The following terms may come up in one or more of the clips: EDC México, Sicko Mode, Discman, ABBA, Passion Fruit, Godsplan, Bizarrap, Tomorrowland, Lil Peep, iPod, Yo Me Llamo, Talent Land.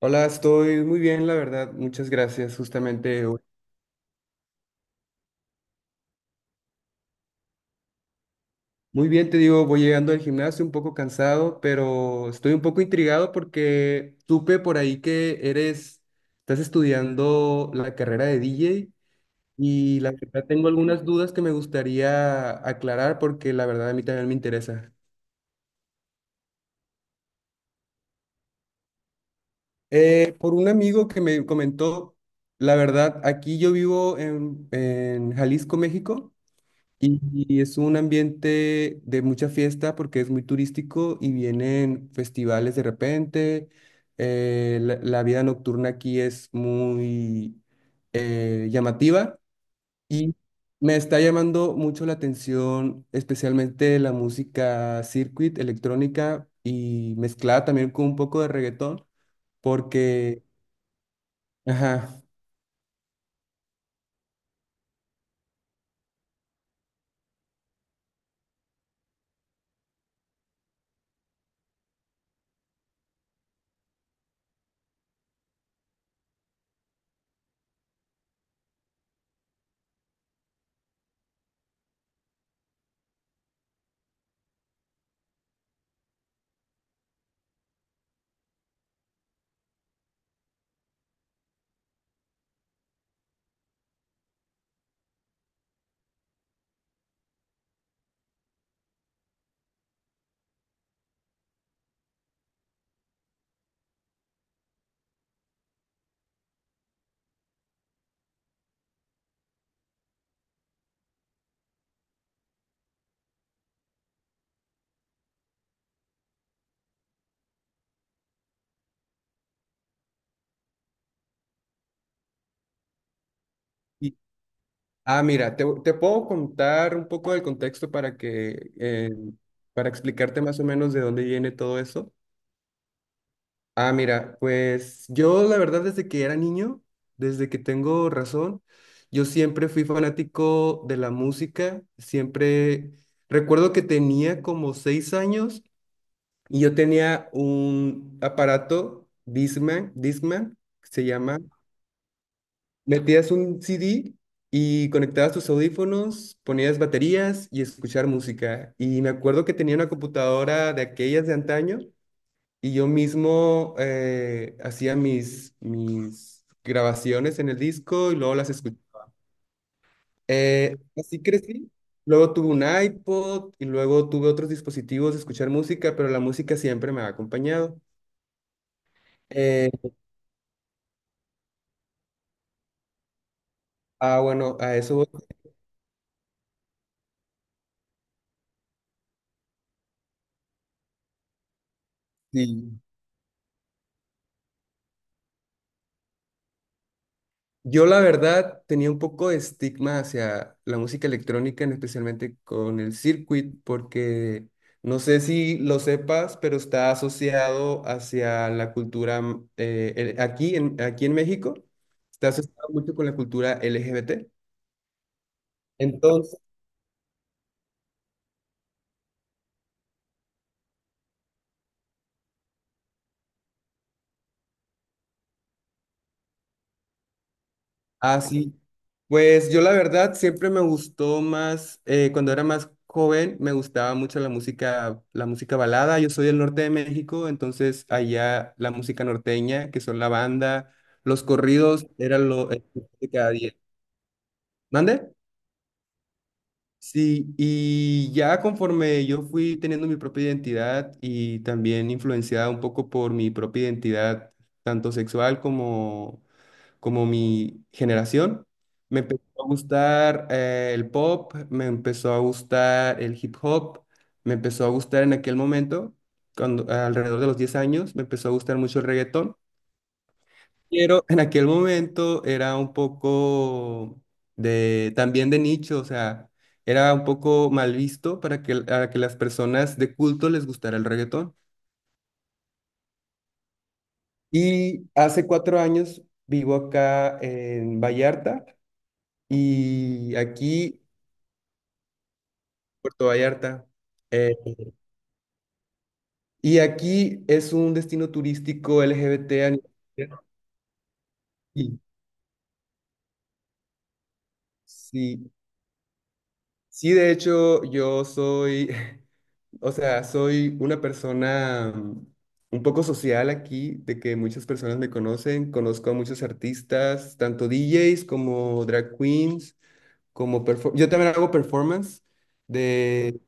Hola, estoy muy bien, la verdad. Muchas gracias. Justamente, muy bien, te digo, voy llegando al gimnasio un poco cansado, pero estoy un poco intrigado porque supe por ahí que estás estudiando la carrera de DJ y la verdad tengo algunas dudas que me gustaría aclarar porque la verdad a mí también me interesa. Por un amigo que me comentó, la verdad, aquí yo vivo en Jalisco, México. Y y es un ambiente de mucha fiesta porque es muy turístico y vienen festivales de repente. La vida nocturna aquí es muy llamativa y me está llamando mucho la atención, especialmente la música circuit, electrónica y mezclada también con un poco de reggaetón, porque, ajá. y Ah, mira, te puedo contar un poco del contexto para explicarte más o menos de dónde viene todo eso. Ah, mira, pues yo la verdad desde que era niño, desde que tengo razón, yo siempre fui fanático de la música, siempre recuerdo que tenía como 6 años y yo tenía un aparato Discman, Discman, se llama. Metías un CD y conectabas tus audífonos, ponías baterías y escuchar música. Y me acuerdo que tenía una computadora de aquellas de antaño y yo mismo hacía mis grabaciones en el disco y luego las escuchaba. Así crecí. Luego tuve un iPod y luego tuve otros dispositivos de escuchar música, pero la música siempre me ha acompañado. Eh, bueno, a eso voy. Sí. Yo la verdad tenía un poco de estigma hacia la música electrónica, en especialmente con el circuit, porque no sé si lo sepas, pero está asociado hacia la cultura aquí en México, está asociado mucho con la cultura LGBT. Ah, sí. Pues yo la verdad siempre me gustó más, cuando era más joven, me gustaba mucho la música balada. Yo soy del norte de México, entonces allá la música norteña, que son la banda, los corridos, era lo de cada día. ¿Mande? Sí, y ya conforme yo fui teniendo mi propia identidad y también influenciada un poco por mi propia identidad, tanto sexual como mi generación, me empezó a gustar el pop, me empezó a gustar el hip hop, me empezó a gustar en aquel momento, cuando alrededor de los 10 años, me empezó a gustar mucho el reggaetón, pero en aquel momento era un poco de también de nicho, o sea, era un poco mal visto a que las personas de culto les gustara el reggaetón. Y hace 4 años vivo acá en Vallarta y aquí Puerto Vallarta. Eh, y aquí es un destino turístico LGBT a nivel mundial. Sí, sí, sí, de hecho yo soy, o sea, soy una persona un poco social aquí, de que muchas personas me conocen, conozco a muchos artistas, tanto DJs como drag queens, como yo también hago performance de,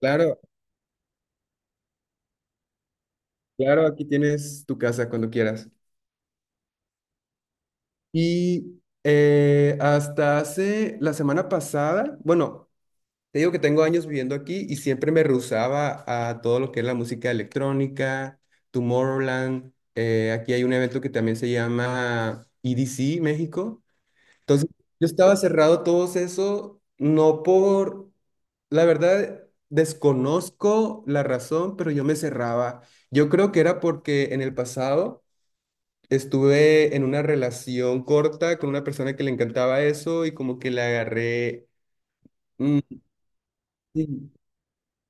claro, claro, aquí tienes tu casa cuando quieras. Y hasta hace la semana pasada, bueno, te digo que tengo años viviendo aquí y siempre me rehusaba a todo lo que es la música electrónica, Tomorrowland. Aquí hay un evento que también se llama EDC México. Entonces, yo estaba cerrado a todo eso, no por, la verdad, desconozco la razón, pero yo me cerraba. Yo creo que era porque en el pasado... Estuve en una relación corta con una persona que le encantaba eso y como que le agarré... Mm, sí.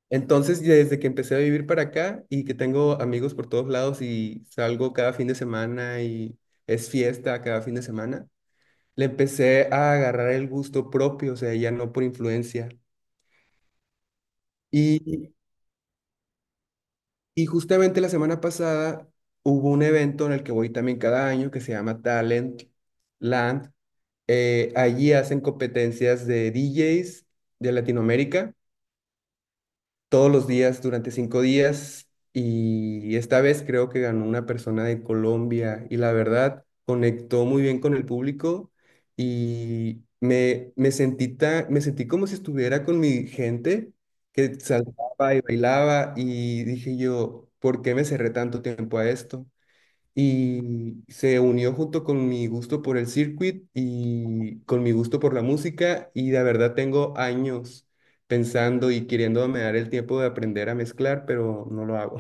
Entonces, desde que empecé a vivir para acá y que tengo amigos por todos lados y salgo cada fin de semana y es fiesta cada fin de semana, le empecé a agarrar el gusto propio, o sea, ya no por influencia. Y, y justamente la semana pasada hubo un evento en el que voy también cada año que se llama Talent Land. Allí hacen competencias de DJs de Latinoamérica todos los días durante 5 días y esta vez creo que ganó una persona de Colombia y la verdad conectó muy bien con el público y me sentí como si estuviera con mi gente que saltaba y bailaba y dije yo, ¿por qué me cerré tanto tiempo a esto? Y se unió junto con mi gusto por el circuit y con mi gusto por la música y la verdad tengo años pensando y queriéndome dar el tiempo de aprender a mezclar, pero no lo hago.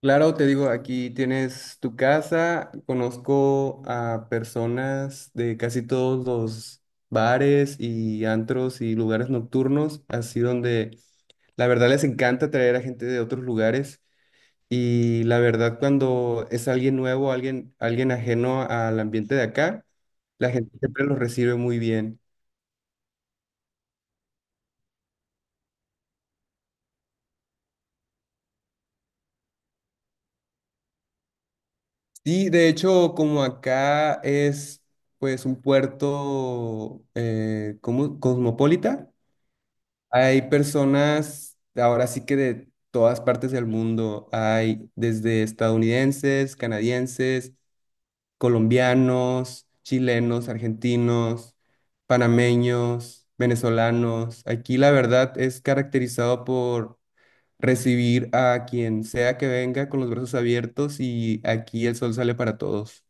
Claro, te digo, aquí tienes tu casa, conozco a personas de casi todos los bares y antros y lugares nocturnos, así donde la verdad les encanta traer a gente de otros lugares. Y la verdad, cuando es alguien nuevo, alguien ajeno al ambiente de acá, la gente siempre los recibe muy bien. Y de hecho, como acá es pues un puerto como cosmopolita, hay personas ahora sí que de todas partes del mundo, hay desde estadounidenses, canadienses, colombianos, chilenos, argentinos, panameños, venezolanos. Aquí la verdad es caracterizado por recibir a quien sea que venga con los brazos abiertos y aquí el sol sale para todos.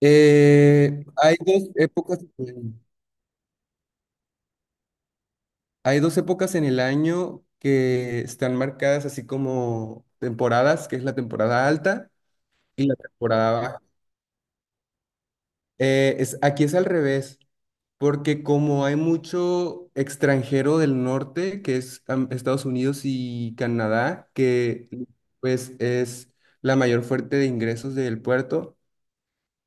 Eh, hay dos épocas, hay dos épocas en el año que están marcadas así como temporadas, que es la temporada alta y la temporada baja. Aquí es al revés. Porque como hay mucho extranjero del norte, que es Estados Unidos y Canadá, que pues es la mayor fuente de ingresos del puerto,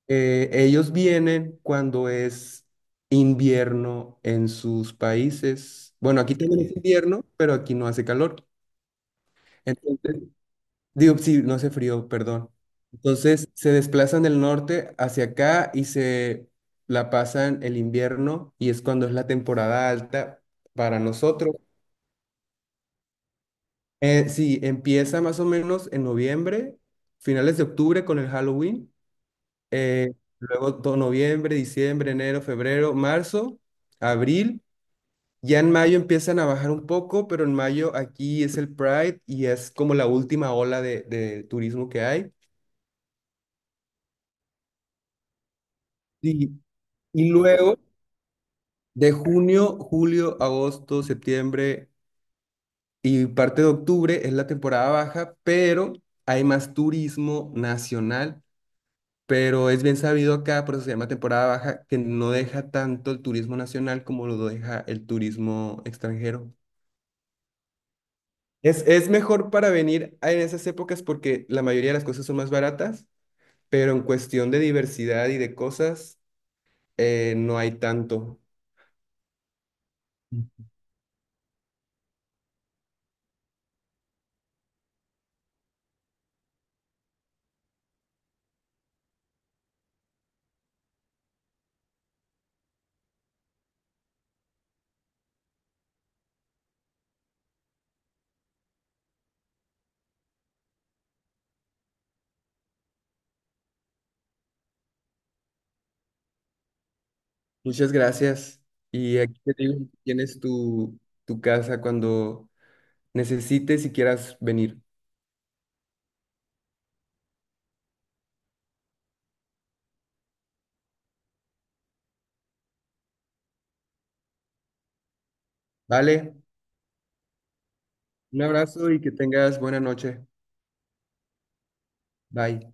ellos vienen cuando es invierno en sus países. Bueno, aquí también es invierno, pero aquí no hace calor. Entonces, digo, sí, no hace frío, perdón. Entonces se desplazan del norte hacia acá y se la pasan el invierno y es cuando es la temporada alta para nosotros. Sí, empieza más o menos en noviembre, finales de octubre con el Halloween, luego todo noviembre, diciembre, enero, febrero, marzo, abril. Ya en mayo empiezan a bajar un poco, pero en mayo aquí es el Pride y es como la última ola de turismo que hay. Sí, y luego de junio, julio, agosto, septiembre y parte de octubre es la temporada baja, pero hay más turismo nacional, pero es bien sabido acá, por eso se llama temporada baja, que no deja tanto el turismo nacional como lo deja el turismo extranjero. Es mejor para venir en esas épocas porque la mayoría de las cosas son más baratas, pero en cuestión de diversidad y de cosas, no hay tanto. Muchas gracias. Y aquí te digo, tienes tu casa cuando necesites y quieras venir. Vale, un abrazo y que tengas buena noche. Bye.